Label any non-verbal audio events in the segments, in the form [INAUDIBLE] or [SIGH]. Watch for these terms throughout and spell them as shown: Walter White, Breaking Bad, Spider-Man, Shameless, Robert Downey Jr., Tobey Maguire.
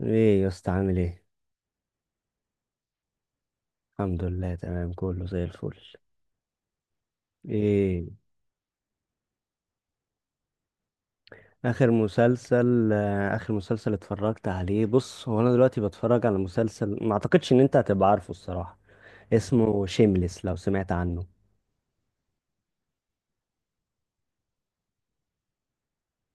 ايه يا اسطى، عامل ايه؟ الحمد لله، تمام، كله زي الفل. ايه اخر مسلسل؟ اخر مسلسل اتفرجت عليه، بص هو انا دلوقتي بتفرج على مسلسل ما اعتقدش ان انت هتبقى عارفه الصراحة. اسمه شيمليس، لو سمعت عنه.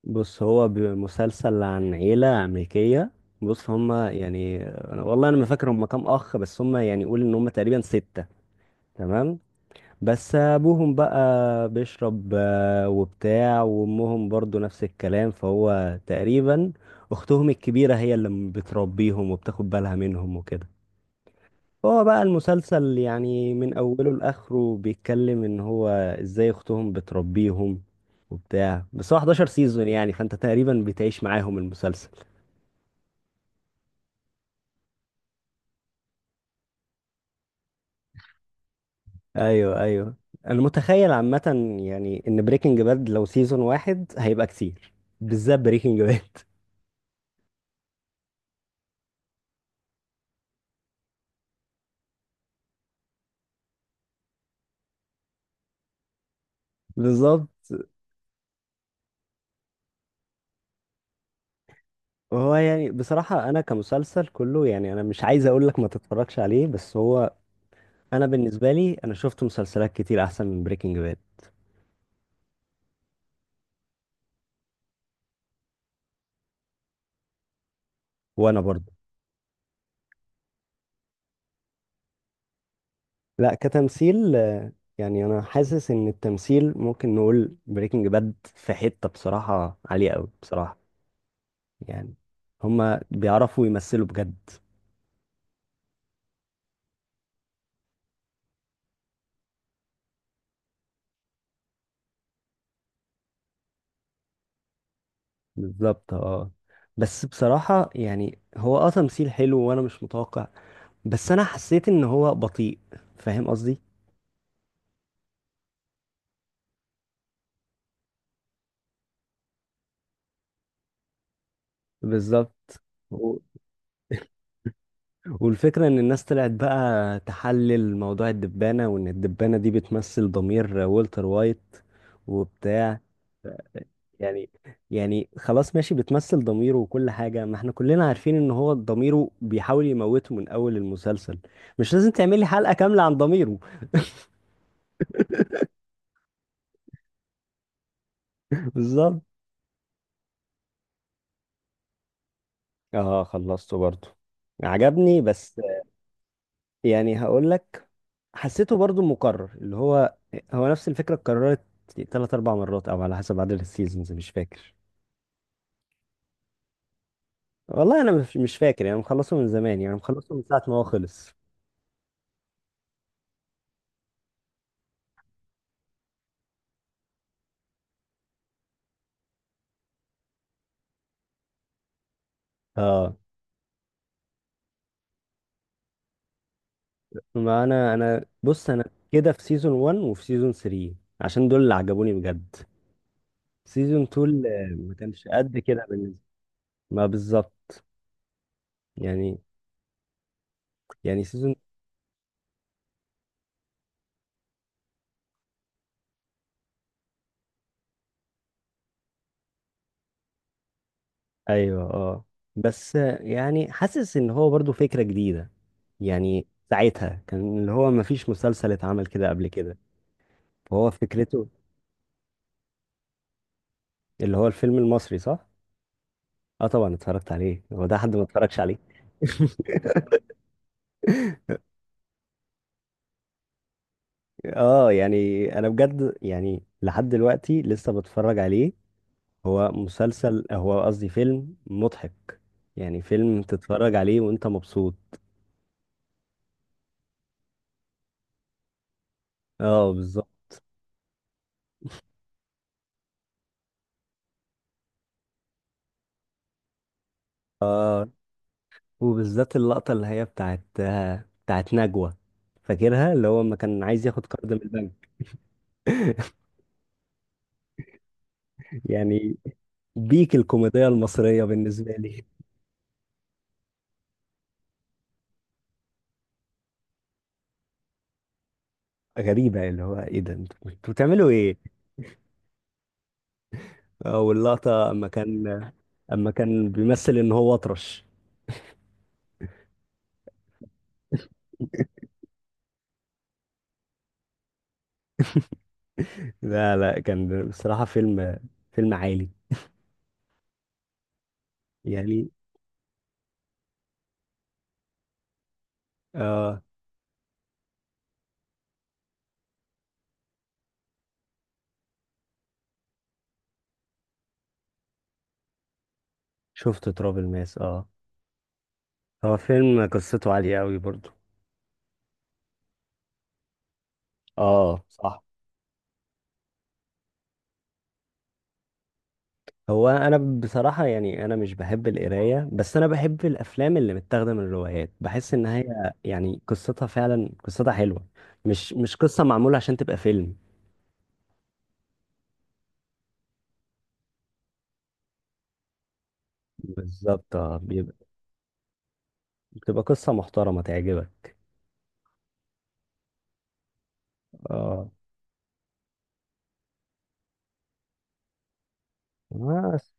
بص هو مسلسل عن عيلة امريكية. بص هما يعني، والله انا ما فاكر هما كام اخ، بس هما يعني قول ان هما تقريبا ستة. تمام. بس ابوهم بقى بيشرب وبتاع، وامهم برضو نفس الكلام، فهو تقريبا اختهم الكبيرة هي اللي بتربيهم وبتاخد بالها منهم وكده. هو بقى المسلسل يعني من اوله لاخره بيتكلم ان هو ازاي اختهم بتربيهم وبتاع، بس هو 11 سيزون يعني، فانت تقريبا بتعيش معاهم المسلسل. ايوه، ايوه. انا متخيل عامة يعني ان بريكنج باد لو سيزون واحد هيبقى كتير، بالذات بريكنج باد. [LAUGHS] بالظبط. هو يعني بصراحة أنا كمسلسل كله، يعني أنا مش عايز أقول لك ما تتفرجش عليه، بس هو أنا بالنسبة لي، أنا شفت مسلسلات كتير أحسن من بريكنج باد. وأنا برضه. لا، كتمثيل. يعني أنا حاسس إن التمثيل ممكن نقول بريكنج باد في حتة بصراحة عالية أوي، بصراحة يعني هما بيعرفوا يمثلوا بجد. بالظبط، اه. بس بصراحة يعني هو تمثيل حلو وأنا مش متوقع، بس أنا حسيت إن هو بطيء. فاهم قصدي؟ بالظبط. والفكرة إن الناس طلعت بقى تحلل موضوع الدبانة، وإن الدبانة دي بتمثل ضمير والتر وايت وبتاع، يعني يعني خلاص ماشي، بتمثل ضميره وكل حاجة، ما احنا كلنا عارفين إن هو ضميره بيحاول يموته من أول المسلسل، مش لازم تعمل لي حلقة كاملة عن ضميره. [LAUGHS] بالظبط، اه. خلصته برضو، عجبني بس. يعني هقول لك، حسيته برضو مكرر، اللي هو نفس الفكرة اتكررت تلات أربع مرات أو على حسب عدد السيزونز، مش فاكر. والله انا مش فاكر يعني، مخلصه من زمان، يعني مخلصه من ساعه ما هو خلص. اه. ما انا بص، انا كده في سيزون 1 وفي سيزون 3، عشان دول اللي عجبوني بجد. سيزون 2 ما كانش قد كده بالنسبه. ما بالظبط. يعني يعني سيزون. ايوه، اه. بس يعني حاسس ان هو برضو فكره جديده، يعني ساعتها كان اللي هو ما فيش مسلسل اتعمل كده قبل كده، فهو فكرته. اللي هو الفيلم المصري، صح؟ اه طبعا اتفرجت عليه، هو ده حد ما اتفرجش عليه؟ اه يعني انا بجد يعني لحد دلوقتي لسه بتفرج عليه، هو مسلسل، هو قصدي فيلم مضحك، يعني فيلم تتفرج عليه وانت مبسوط. اه بالظبط. اه، وبالذات اللقطة اللي هي بتاعت نجوى، فاكرها اللي هو لما كان عايز ياخد قرض من البنك. [LAUGHS] يعني بيك الكوميديا المصرية بالنسبة لي. غريبة، اللي هو ايه ده، انتوا بتعملوا ايه؟ اه، واللقطة اما كان بيمثل ان هو اطرش. لا، لا، كان بصراحة فيلم عالي، يعني اه. شفت تراب الماس، اه، هو فيلم قصته عالية قوي برضو. اه صح. هو انا بصراحة يعني انا مش بحب القراية، بس انا بحب الافلام اللي متاخدة من الروايات، بحس ان هي يعني قصتها فعلا قصتها حلوة، مش قصة معمولة عشان تبقى فيلم. بالظبط، اه، بيبقى بتبقى قصة محترمة تعجبك. اه، بس.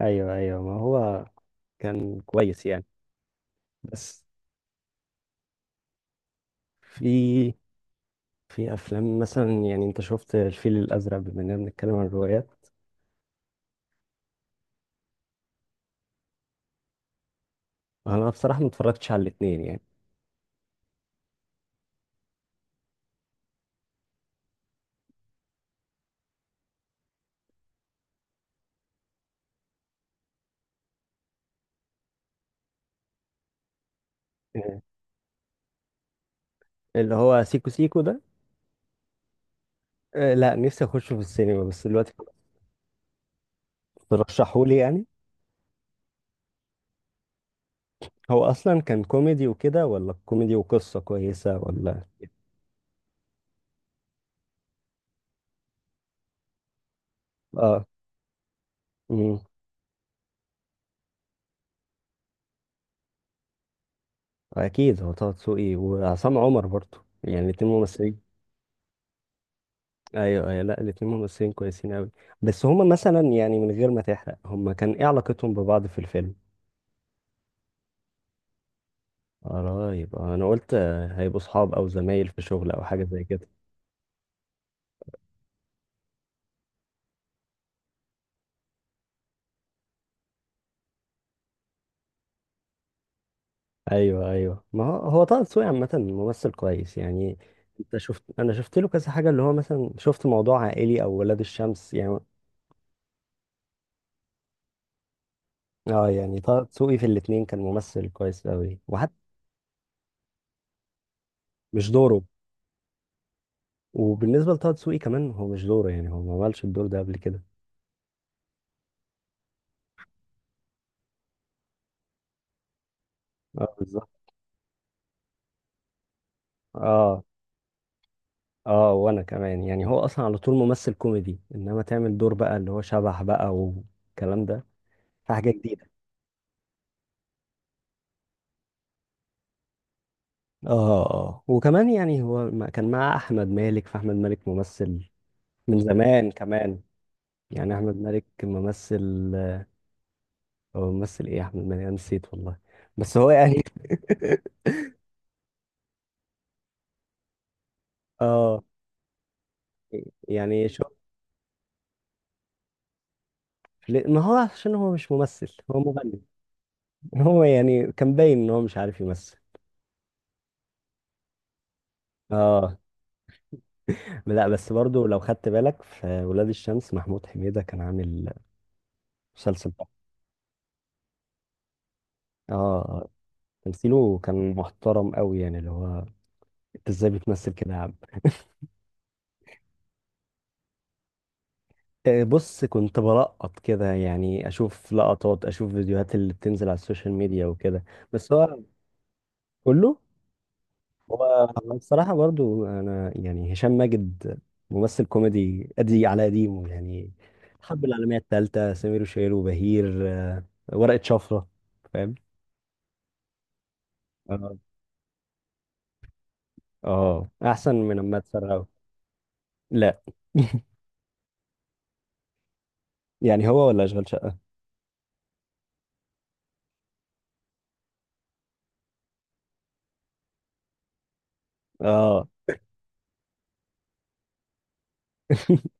ايوه، ايوه، ما هو كان كويس يعني. بس في في افلام مثلا يعني، انت شفت الفيل الازرق بما اننا بنتكلم عن الروايات؟ انا بصراحه ما اتفرجتش على الاثنين يعني. [LAUGHS] آه، اللي هو سيكو سيكو ده، لا نفسي اخشه في السينما، بس دلوقتي ترشحوا لي يعني. هو اصلا كان كوميدي وكده، ولا كوميدي وقصه كويسه ولا؟ اه، امم اكيد هو طه دسوقي وعصام عمر برضه، يعني الاتنين ممثلين. ايوه، ايوه، لا الاتنين ممثلين كويسين قوي. بس هما مثلا يعني من غير ما تحرق، هما كان ايه علاقتهم ببعض في الفيلم؟ قرايب. انا قلت هيبقوا صحاب او زمايل في شغل او حاجه زي كده. ايوه، ايوه، ما هو طه دسوقي عامه ممثل كويس يعني. انت شفت انا شفت له كذا حاجه، اللي هو مثلا شفت موضوع عائلي او ولاد الشمس يعني. اه، يعني طه دسوقي في الاتنين كان ممثل كويس قوي، وحتى مش دوره، وبالنسبه لطه دسوقي كمان هو مش دوره، يعني هو ما عملش الدور ده قبل كده. اه بالظبط، اه. اه، وانا كمان يعني هو اصلا على طول ممثل كوميدي، انما تعمل دور بقى اللي هو شبح بقى والكلام ده، في حاجه جديده. اه، اه، وكمان يعني هو كان مع احمد مالك، فاحمد مالك ممثل من زمان كمان، يعني احمد مالك ممثل، هو ممثل ايه احمد مالك، انا نسيت والله، بس هو يعني. [LAUGHS] اه يعني شوف، ما هو عشان هو مش ممثل، هو مغني. [LAUGHS] هو يعني كان باين ان هو مش عارف يمثل. اه، لا بس برضو لو خدت بالك في ولاد الشمس، محمود حميدة كان عامل مسلسل ده. اه، آه، تمثيله كان محترم قوي، يعني اللي هو انت ازاي بتمثل كده يا عم؟ بص كنت بلقط كده يعني، اشوف لقطات، اشوف فيديوهات اللي بتنزل على السوشيال ميديا وكده. بس هو كله، هو هو بصراحة برضو انا يعني هشام ماجد ممثل كوميدي، ادي على قديمه يعني، الحرب العالمية الثالثة، سمير وشهير وبهير، ورقة شفرة، فاهم؟ اه، اه، احسن من اما تسرعه. لا. [LAUGHS] يعني هو ولا اشغال شقة؟ اه. [LAUGHS]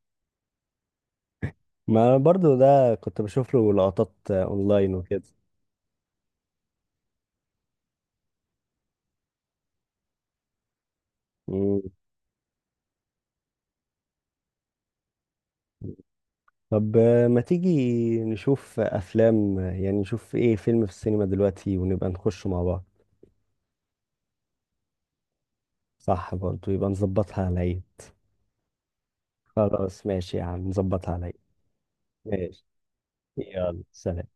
ما برضو ده كنت بشوف له لقطات اونلاين وكده. مم. طب ما تيجي نشوف افلام، يعني نشوف ايه فيلم في السينما دلوقتي ونبقى نخشه مع بعض. صح، برضه يبقى نظبطها على العيد. خلاص ماشي يا عم، نظبطها على العيد. ماشي. يلا سلام.